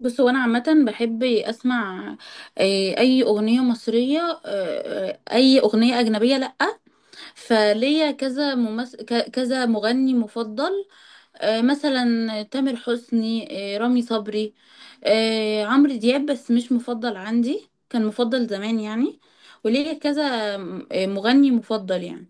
بص هو انا عامه بحب اسمع، اي اغنيه مصريه، اي اغنيه اجنبيه. لا فليا كذا كذا مغني مفضل. مثلا تامر حسني، رامي صبري، عمرو دياب، بس مش مفضل عندي، كان مفضل زمان يعني. وليا كذا مغني مفضل يعني.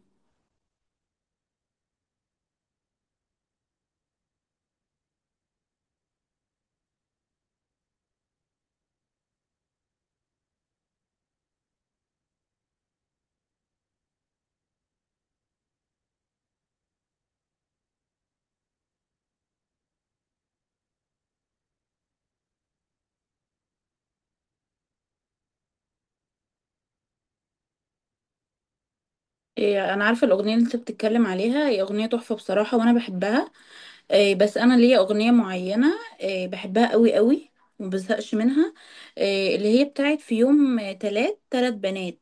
انا عارفه الاغنيه اللي انت بتتكلم عليها، هي اغنيه تحفه بصراحه وانا بحبها. بس انا ليا اغنيه معينه بحبها قوي قوي ومبزهقش منها. اللي هي بتاعت في يوم، تلات بنات.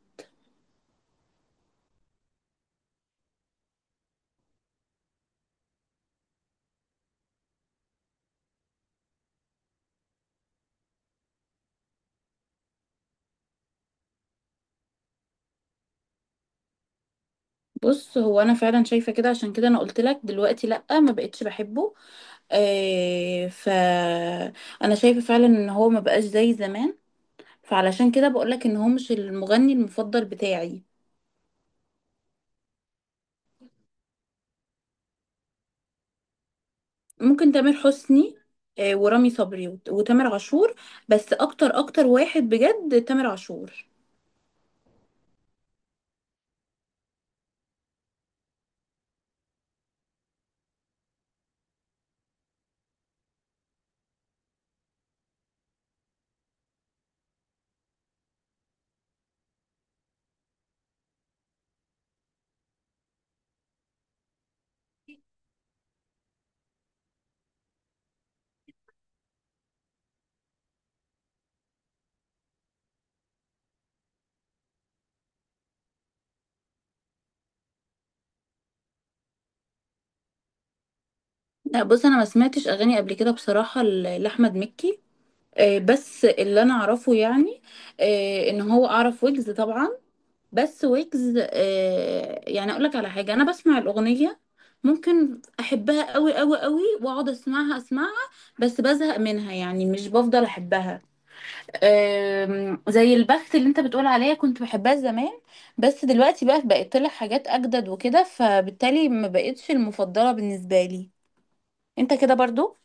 بص هو انا فعلا شايفه كده، عشان كده انا قلت لك دلوقتي لا ما بقتش بحبه. آه، ف انا شايفه فعلا ان هو ما بقاش زي زمان، فعلشان كده بقول لك ان هو مش المغني المفضل بتاعي. ممكن تامر حسني ورامي صبري وتامر عاشور، بس اكتر اكتر واحد بجد تامر عاشور. لا بص انا ما سمعتش اغاني قبل كده بصراحه لاحمد مكي. بس اللي انا اعرفه يعني ان هو اعرف ويجز طبعا. بس ويجز يعني اقول لك على حاجه، انا بسمع الاغنيه ممكن احبها قوي قوي قوي واقعد اسمعها، بس بزهق منها يعني مش بفضل احبها. زي البخت اللي انت بتقول عليها، كنت بحبها زمان بس دلوقتي بقى بقت طلع حاجات اجدد وكده، فبالتالي ما بقتش المفضله بالنسبه لي. انت كده برضو؟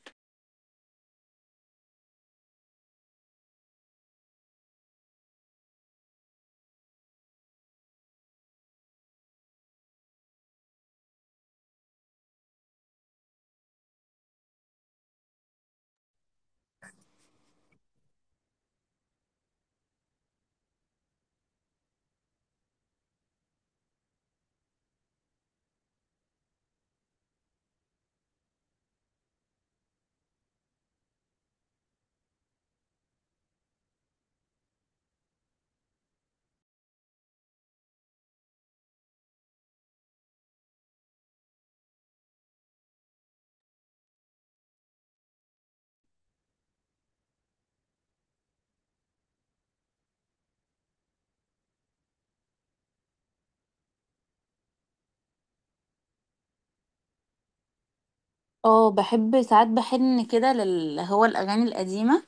اه بحب ساعات بحن كده لل هو الأغاني القديمة.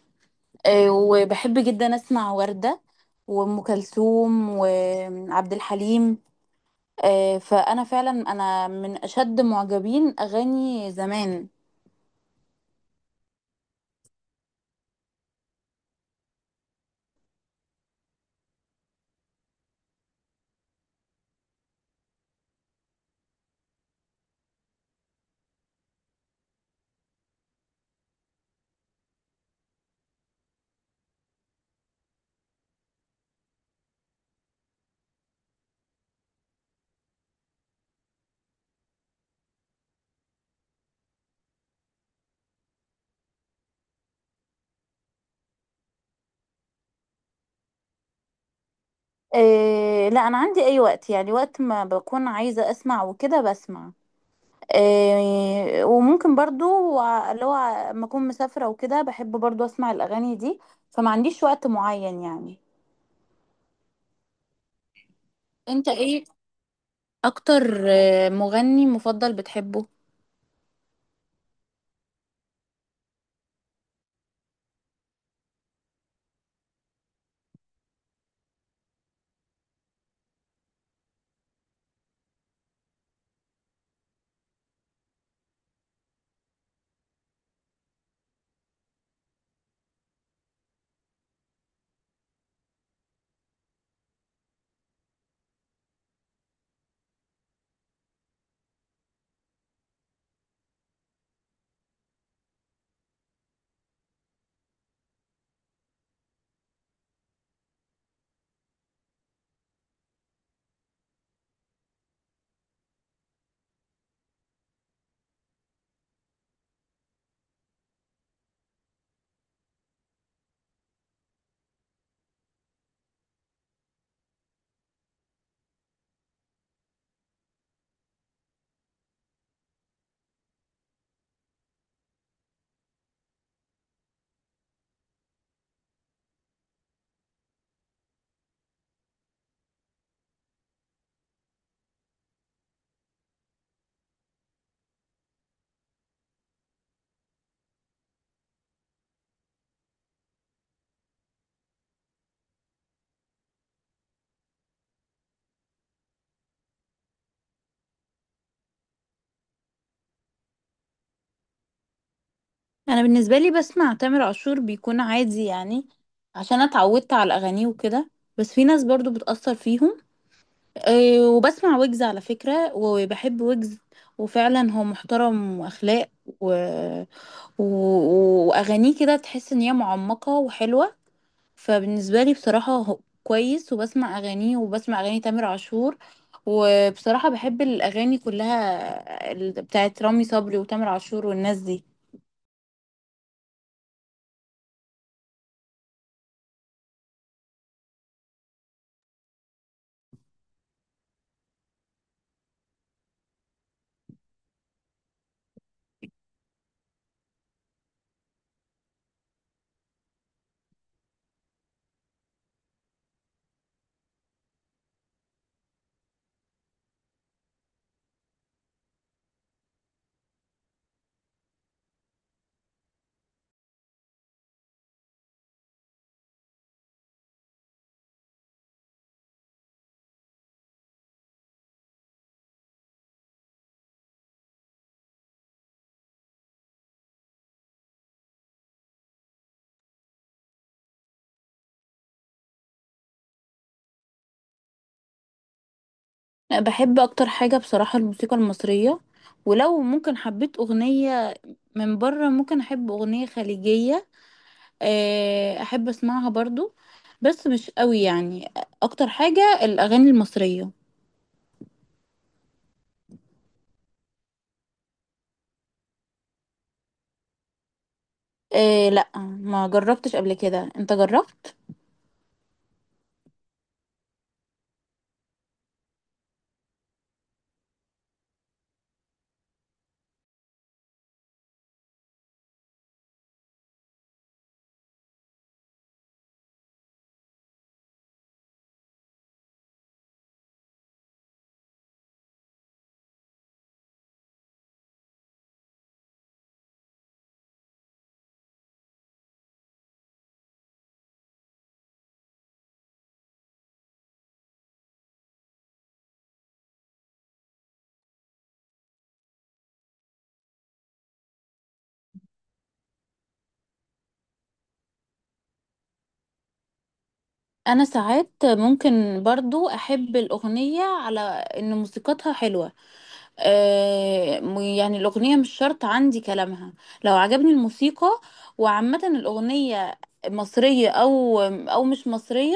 وبحب جدا أسمع وردة وأم كلثوم وعبد الحليم. فأنا فعلا أنا من أشد معجبين أغاني زمان. لا أنا عندي أي وقت يعني، وقت ما بكون عايزة أسمع وكده بسمع. وممكن برضو اللي هو لما أكون مسافرة وكده بحب برضو أسمع الأغاني دي، فما عنديش وقت معين يعني. انت ايه اكتر مغني مفضل بتحبه؟ انا بالنسبه لي بسمع تامر عاشور بيكون عادي يعني، عشان أنا اتعودت على اغانيه وكده. بس في ناس برضو بتأثر فيهم. أه وبسمع ويجز على فكره وبحب ويجز، وفعلا هو محترم واخلاق و... و... واغانيه كده تحس ان هي معمقه وحلوه. فبالنسبة لي بصراحة هو كويس، وبسمع أغانيه وبسمع أغاني تامر عاشور. وبصراحة بحب الأغاني كلها بتاعت رامي صبري وتامر عاشور والناس دي. لا، بحب أكتر حاجة بصراحة الموسيقى المصرية. ولو ممكن حبيت أغنية من بره ممكن أحب أغنية خليجية، أحب أسمعها برضو بس مش قوي يعني. أكتر حاجة الأغاني المصرية. لا ما جربتش قبل كده، أنت جربت؟ انا ساعات ممكن برضو احب الاغنية على ان موسيقتها حلوة. يعني الاغنية مش شرط عندي كلامها، لو عجبني الموسيقى. وعامة الاغنية مصرية او مش مصرية،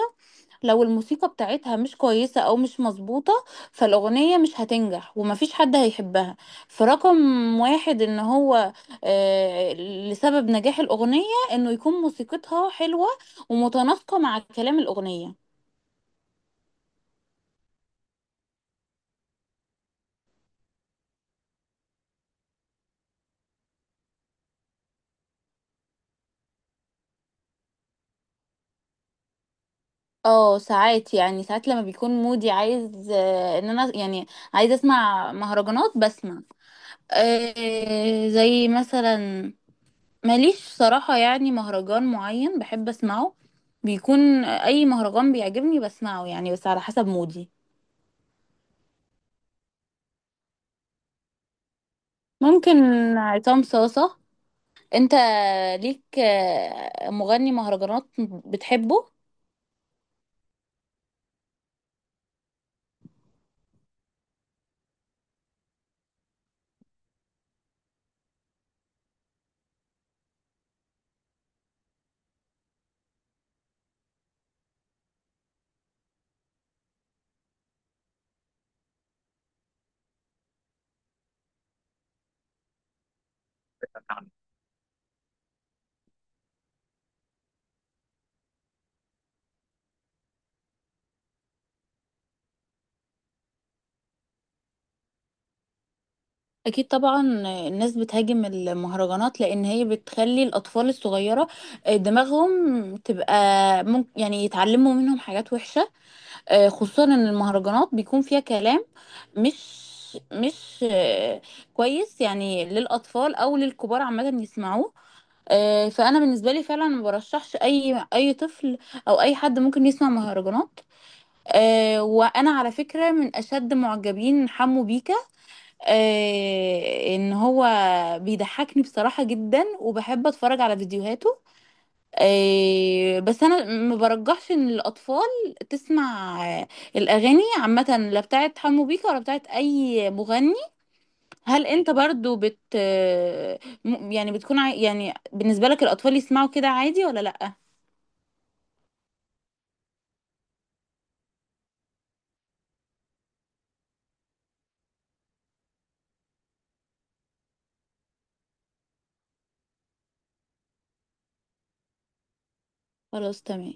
لو الموسيقى بتاعتها مش كويسة او مش مظبوطة فالاغنية مش هتنجح ومفيش حد هيحبها. فرقم واحد ان هو آه، لسبب نجاح الاغنية انه يكون موسيقتها حلوة ومتناسقة مع كلام الأغنية. اه ساعات يعني، ساعات لما بيكون مودي عايز، ان انا يعني عايز اسمع مهرجانات بسمع. زي مثلا ماليش صراحة يعني مهرجان معين بحب اسمعه، بيكون اي مهرجان بيعجبني بسمعه يعني، بس على حسب مودي. ممكن عصام صاصة. انت ليك مغني مهرجانات بتحبه؟ اكيد طبعا الناس بتهاجم المهرجانات لان هي بتخلي الاطفال الصغيره دماغهم تبقى ممكن يعني يتعلموا منهم حاجات وحشه. خصوصا ان المهرجانات بيكون فيها كلام مش مش آه، كويس يعني، للاطفال او للكبار عامه يسمعوه. فانا بالنسبه لي فعلا ما برشحش اي اي طفل او اي حد ممكن يسمع مهرجانات. وانا على فكره من اشد معجبين حمو بيكا، ان هو بيضحكني بصراحة جدا وبحب اتفرج على فيديوهاته. بس انا ما برجحش ان الاطفال تسمع الاغاني عامة، لا بتاعت حمو بيكا ولا بتاعت اي مغني. هل انت برضو يعني بتكون يعني بالنسبة لك الاطفال يسمعوا كده عادي ولا لأ؟ خلاص تمام.